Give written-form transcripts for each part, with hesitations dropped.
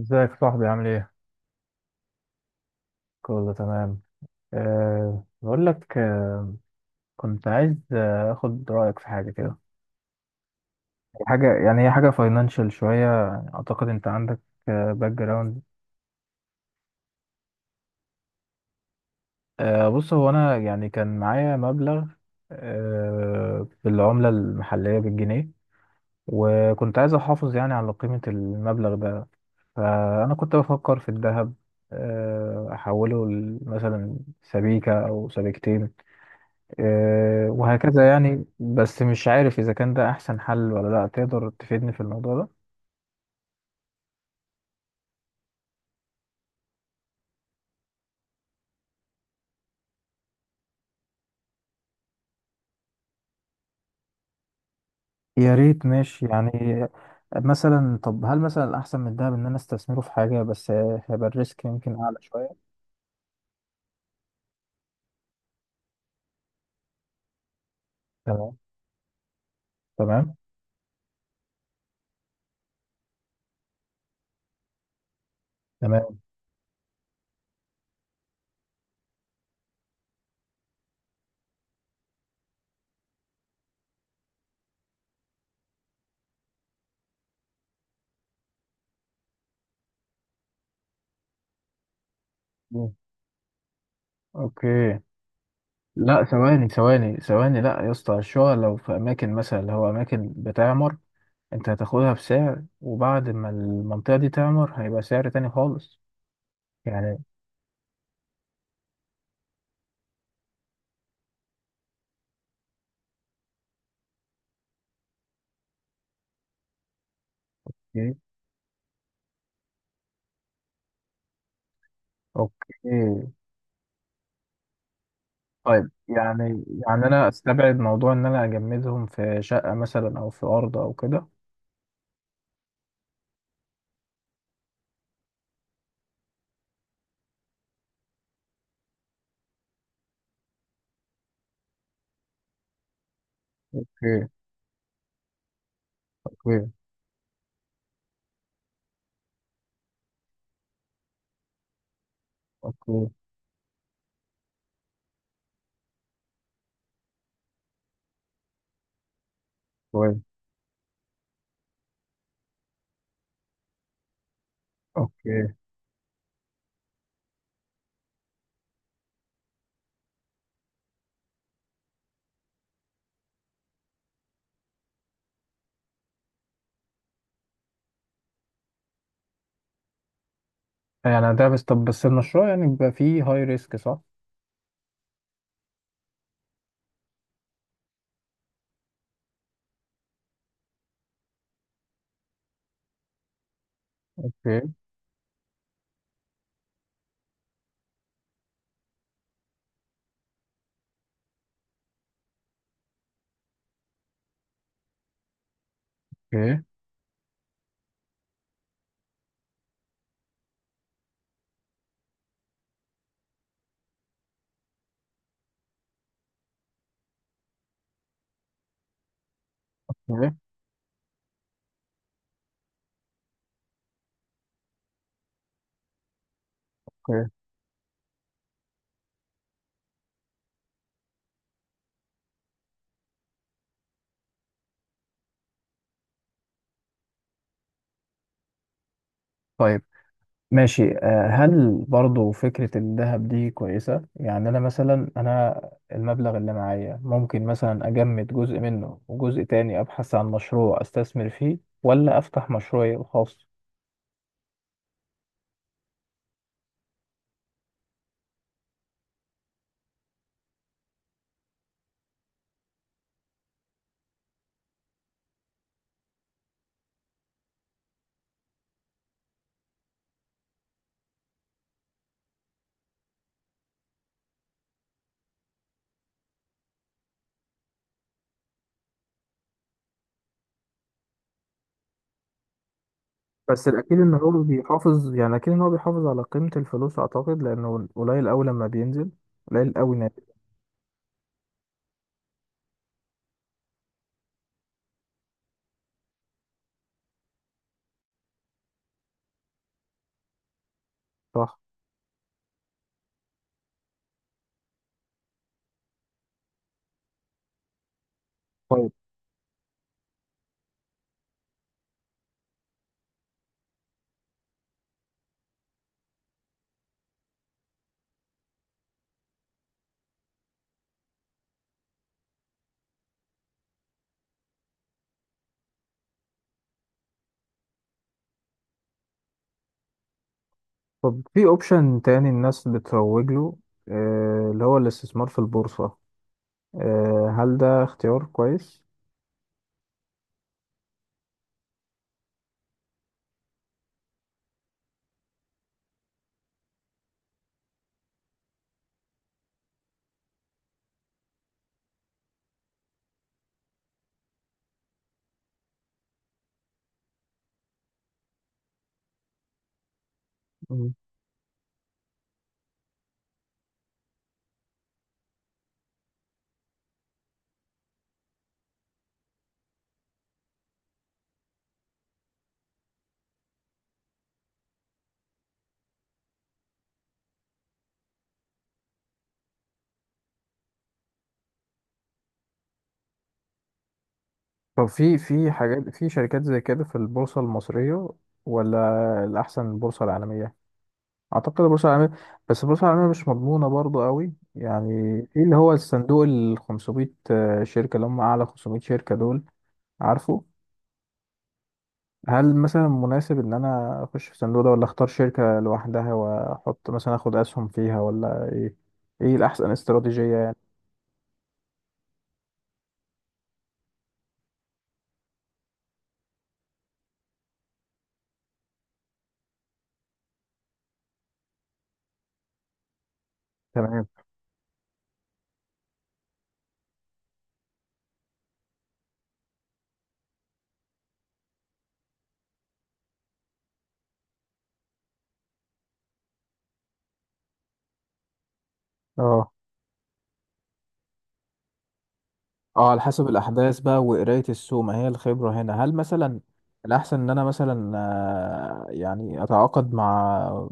ازيك يا صاحبي عامل ايه؟ كله تمام. بقول لك. كنت عايز اخد رأيك في حاجة كده. حاجة، يعني هي حاجة فاينانشال شوية، يعني اعتقد انت عندك باك جراوند background. بص هو انا يعني كان معايا مبلغ بالعملة المحلية، بالجنيه. وكنت عايز احافظ يعني على قيمة المبلغ ده، فانا كنت بفكر في الذهب. احوله مثلا سبيكة او سبيكتين. وهكذا يعني. بس مش عارف إذا كان ده أحسن حل ولا لأ، تقدر تفيدني في الموضوع ده؟ يا ريت، ماشي يعني. مثلا طب هل مثلا الأحسن من الدهب إن أنا استثمره في حاجة، بس هيبقى الريسك يمكن أعلى شوية. تمام. تمام. تمام. مم. أوكي. لا، ثواني ثواني ثواني، لا يا اسطى، الشقق لو في أماكن مثلا اللي هو أماكن بتعمر، أنت هتاخدها بسعر، وبعد ما المنطقة دي تعمر هيبقى سعر تاني خالص يعني. إيه؟ أوكي. طيب يعني انا استبعد موضوع ان انا اجمدهم في شقة مثلا او في ارض او كده. اوكي. اوكي. اوكي. كويس. اوكي. يعني ده بس، طب بس المشروع يعني بيبقى فيه هاي ريسك، صح؟ اوكي. اوكي. اوكي. اوكي. طيب ماشي. هل برضو فكرة الذهب دي كويسة؟ يعني انا مثلا انا المبلغ اللي معايا ممكن مثلا اجمد جزء منه، وجزء تاني ابحث عن مشروع استثمر فيه، ولا افتح مشروعي الخاص. بس الأكيد إن هو بيحافظ، يعني أكيد إن هو بيحافظ على قيمة الفلوس، أعتقد، لأنه قليل أوي لما بينزل، قليل أوي نازل. صح. طيب. طب في أوبشن تاني الناس بتروج له، اللي هو الاستثمار في البورصة. هل ده اختيار كويس؟ مم. طب في حاجات، في شركات زي كده في البورصة المصرية، ولا الأحسن البورصة العالمية؟ اعتقد البورصه العالميه. بس البورصه العالميه مش مضمونه برضو قوي يعني. في اللي هو الصندوق ال 500 شركه، اللي هم اعلى 500 شركه دول، عارفه. هل مثلا مناسب ان انا اخش في الصندوق ده، ولا اختار شركه لوحدها واحط مثلا، اخد اسهم فيها، ولا ايه؟ ايه الاحسن استراتيجيه يعني؟ تمام. اه. اه. على حسب الاحداث بقى وقرايه السوق، ما هي الخبره هنا. هل مثلا الاحسن ان انا مثلا يعني اتعاقد مع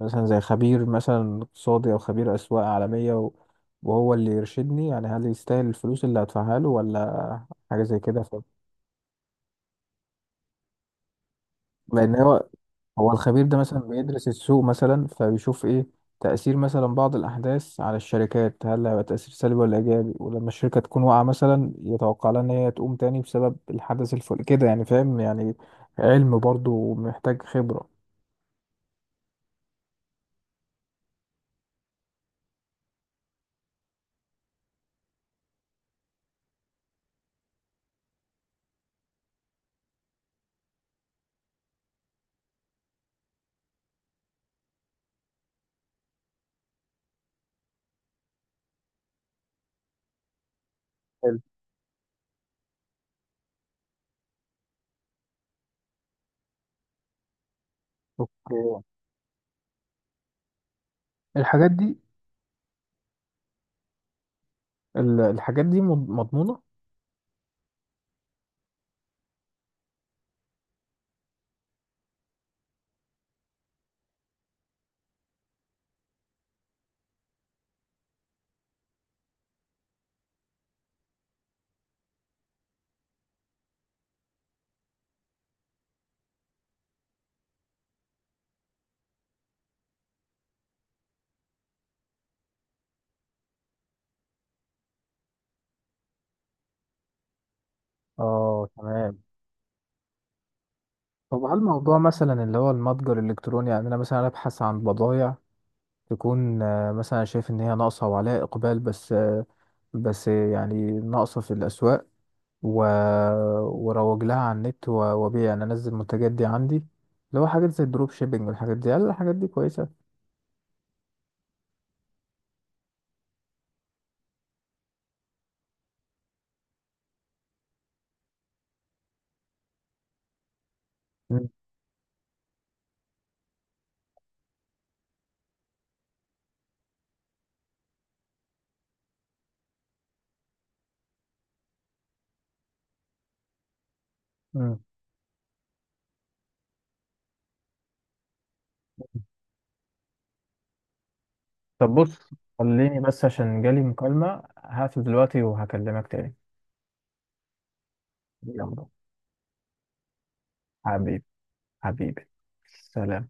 مثلا زي خبير مثلا اقتصادي او خبير اسواق عالميه وهو اللي يرشدني، يعني هل يستاهل الفلوس اللي هدفعها له، ولا حاجه زي كده. لان هو الخبير ده مثلا بيدرس السوق مثلا، فبيشوف ايه تأثير مثلا بعض الأحداث على الشركات، هل هيبقى تأثير سلبي ولا إيجابي، ولما الشركة تكون واقعة مثلا يتوقع لها إن هي تقوم تاني بسبب الحدث الفل كده، يعني فاهم يعني. علم برضه ومحتاج خبرة. حلو. اوكي. الحاجات دي الحاجات دي مضمونة؟ اه. تمام. طب هل الموضوع مثلا اللي هو المتجر الالكتروني، يعني انا مثلا ابحث عن بضائع تكون مثلا شايف ان هي ناقصه وعليها اقبال، بس بس يعني ناقصه في الاسواق و... وروج لها على النت، وابيع يعني، انزل المنتجات دي عندي، اللي هو حاجات زي الدروب شيبينج والحاجات دي. هل الحاجات دي كويسه؟ مم. مم. طب بص، خليني بس عشان جالي مكالمة، هقفل دلوقتي وهكلمك تاني. يلا. حبيبي. حبيبي. سلام.